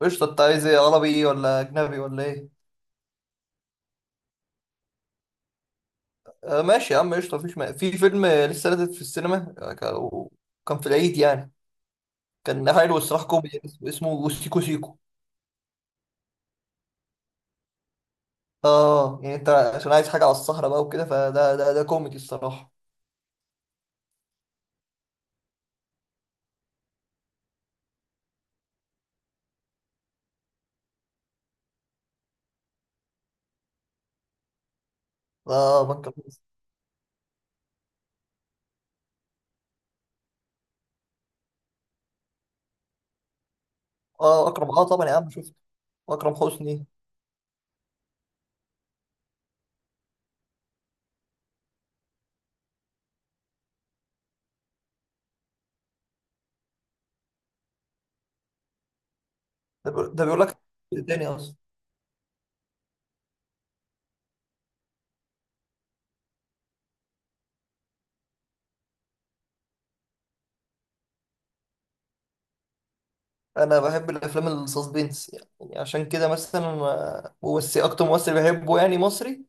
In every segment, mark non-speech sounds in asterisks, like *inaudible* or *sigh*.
قشطة، انت عايز ايه؟ عربي ولا اجنبي ولا ايه؟ آه ماشي يا عم، قشطة. في فيلم لسه نازل في السينما، كان في العيد يعني. كان حلو الصراحة، كوميدي اسمه سيكو سيكو. اه يعني انت عشان عايز حاجة على السهرة بقى وكده، فده ده كوميدي الصراحة. اه، بنك الحظ. اه اكرم، اه طبعا يا عم، شفت. واكرم حسني. ده بيقول لك تاني اصلا. انا بحب الافلام السسبنس، يعني عشان كده مثلا ممثل اكتر ممثل بحبه يعني مصري.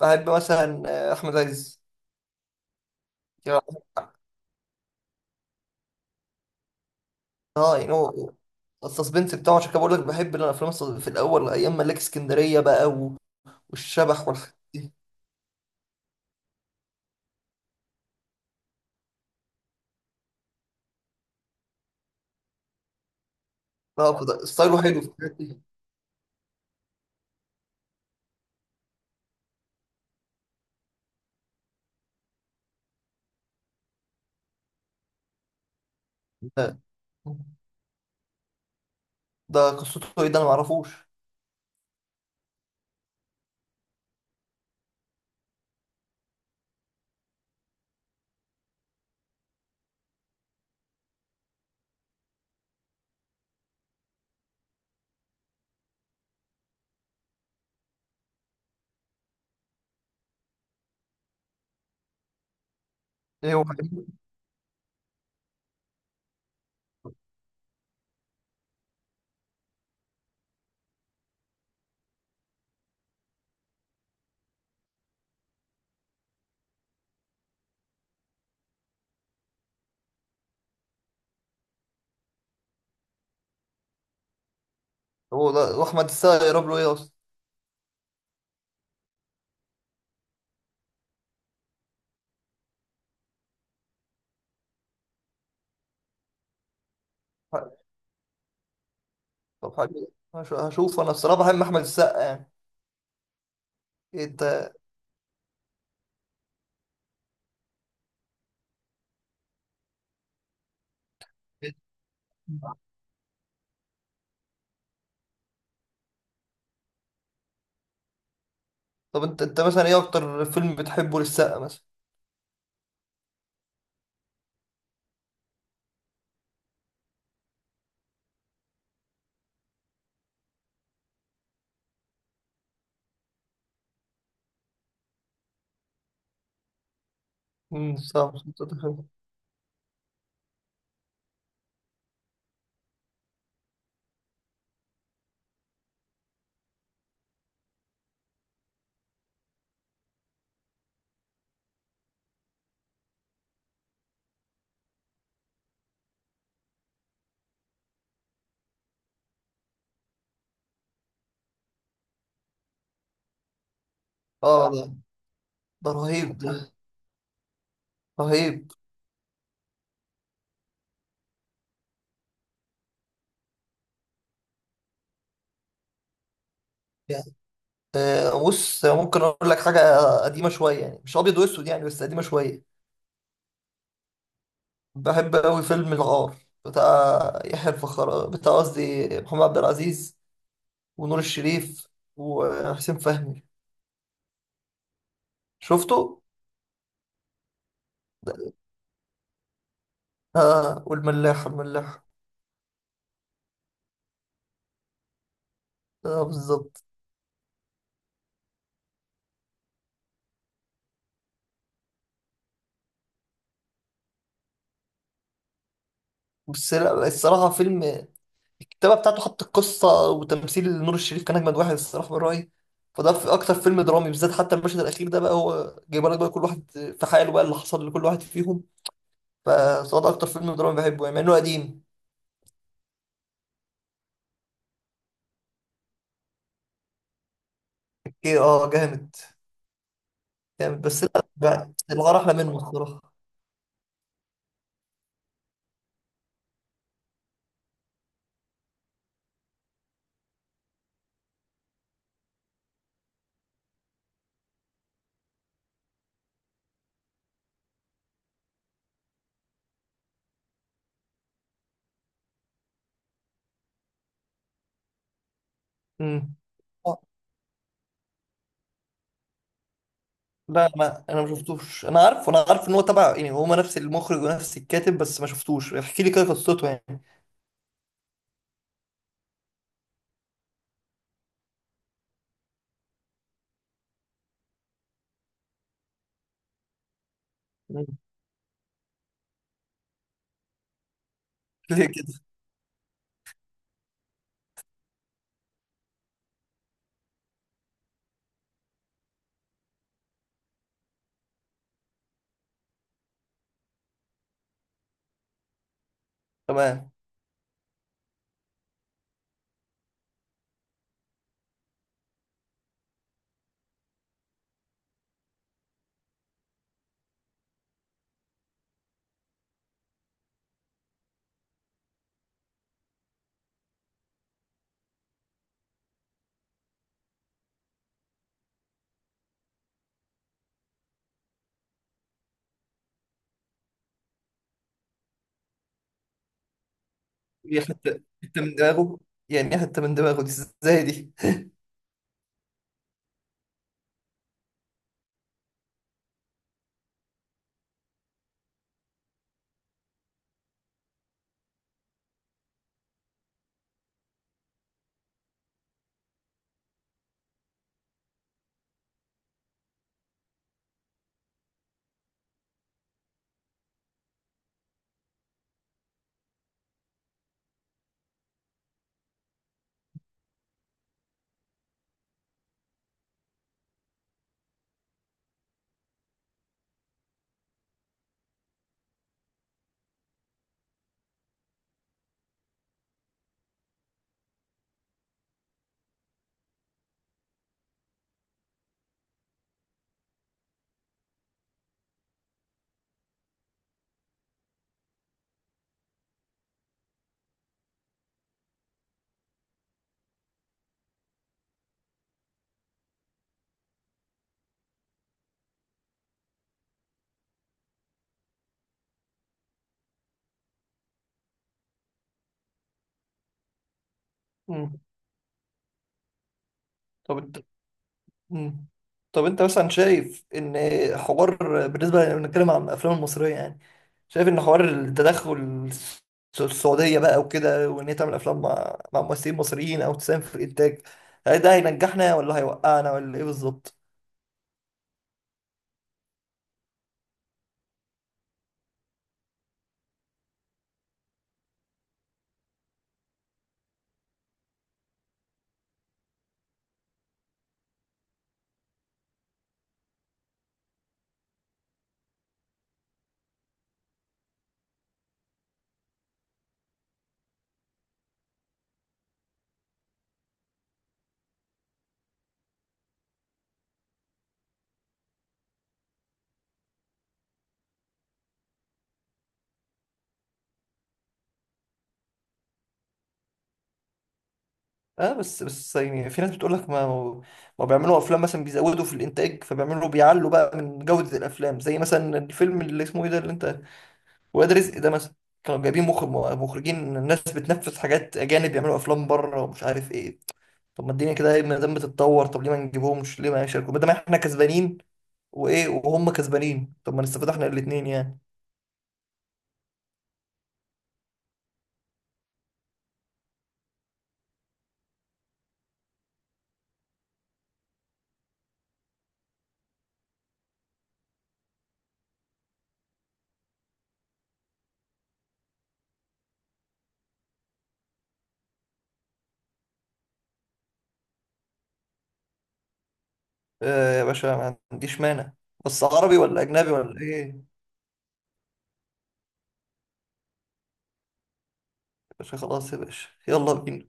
بحب مثلا احمد عز. اه يعني هو السسبنس بتاعه، عشان كده بقول لك بحب الافلام في الاول ايام ملاك اسكندريه بقى والشبح والحاجات دي. لا، ستايله حلو في الحاجات دي. ده, ده قصته ايه؟ ده انا معرفوش. ايه هو حبيبي؟ هو ده، واحمد السقا يقرب له ايه اصلا؟ طب حبيبي، هشوف. انا الصراحه بحب احمد السقا يعني. إيه انت؟ طب انت مثلا ايه اكتر فيلم بتحبه للسقا مثلا؟ صح صح، صح. اه ده، ده رهيب. ده رهيب. آه بص، ممكن اقول لك حاجه قديمه شويه، يعني مش ابيض واسود يعني، بس قديمه شويه. بحب قوي فيلم الغار، بتاع يحيى الفخر، بتاع قصدي محمد عبد العزيز، ونور الشريف وحسين فهمي. شفته؟ اه، والملاح الملاح. اه بالظبط. بس لا، الصراحه فيلم، الكتابه بتاعته حط، القصه وتمثيل نور الشريف كان اجمد واحد الصراحه من رايي. فده في اكتر فيلم درامي بالذات. حتى المشهد الاخير ده بقى هو جايب لك بقى كل واحد في حاله بقى، اللي حصل لكل واحد فيهم. فصوت اكتر فيلم دراما بحبه يعني مع انه قديم. اوكي، اه جامد. جامد، بس لا بقى الغار احلى منه الصراحه. امم آه، لا، ما انا ما شفتوش. انا عارف ان هو تبع يعني، هما نفس المخرج ونفس الكاتب، بس ما شفتوش. احكي لي كده قصته يعني. مم. *laughs* ليه كده؟ تمام. هي حته حته من دماغه؟ يعني إيه حته من دماغه دي؟ ازاي دي؟ مم. *laughs* طب. مم. طب انت مثلا شايف ان، حوار بالنسبه لنتكلم عن الافلام المصريه يعني، شايف ان حوار التدخل الس- السعوديه بقى وكده، وان هي تعمل افلام مع ممثلين مصريين او تساهم في الانتاج، هل ده هينجحنا ولا هيوقعنا ولا ايه بالظبط؟ اه، بس يعني في ناس بتقول لك، ما بيعملوا افلام مثلا، بيزودوا في الانتاج فبيعملوا، بيعلوا بقى من جوده الافلام، زي مثلا الفيلم اللي اسمه ايه ده اللي انت، واد رزق ده مثلا، كانوا جايبين مخرج، مخرجين الناس بتنفذ حاجات اجانب، بيعملوا افلام بره ومش عارف ايه. طب ما الدنيا كده إيه، ما دام بتتطور، طب ليه ما نجيبهمش؟ ليه ما يشاركوا ما دام احنا كسبانين وايه، وهم كسبانين؟ طب ما نستفيد احنا الاثنين يعني. آه يا باشا، ما عنديش مانع. بس عربي ولا اجنبي ولا ايه يا باشا؟ خلاص يا باشا، يلا بينا.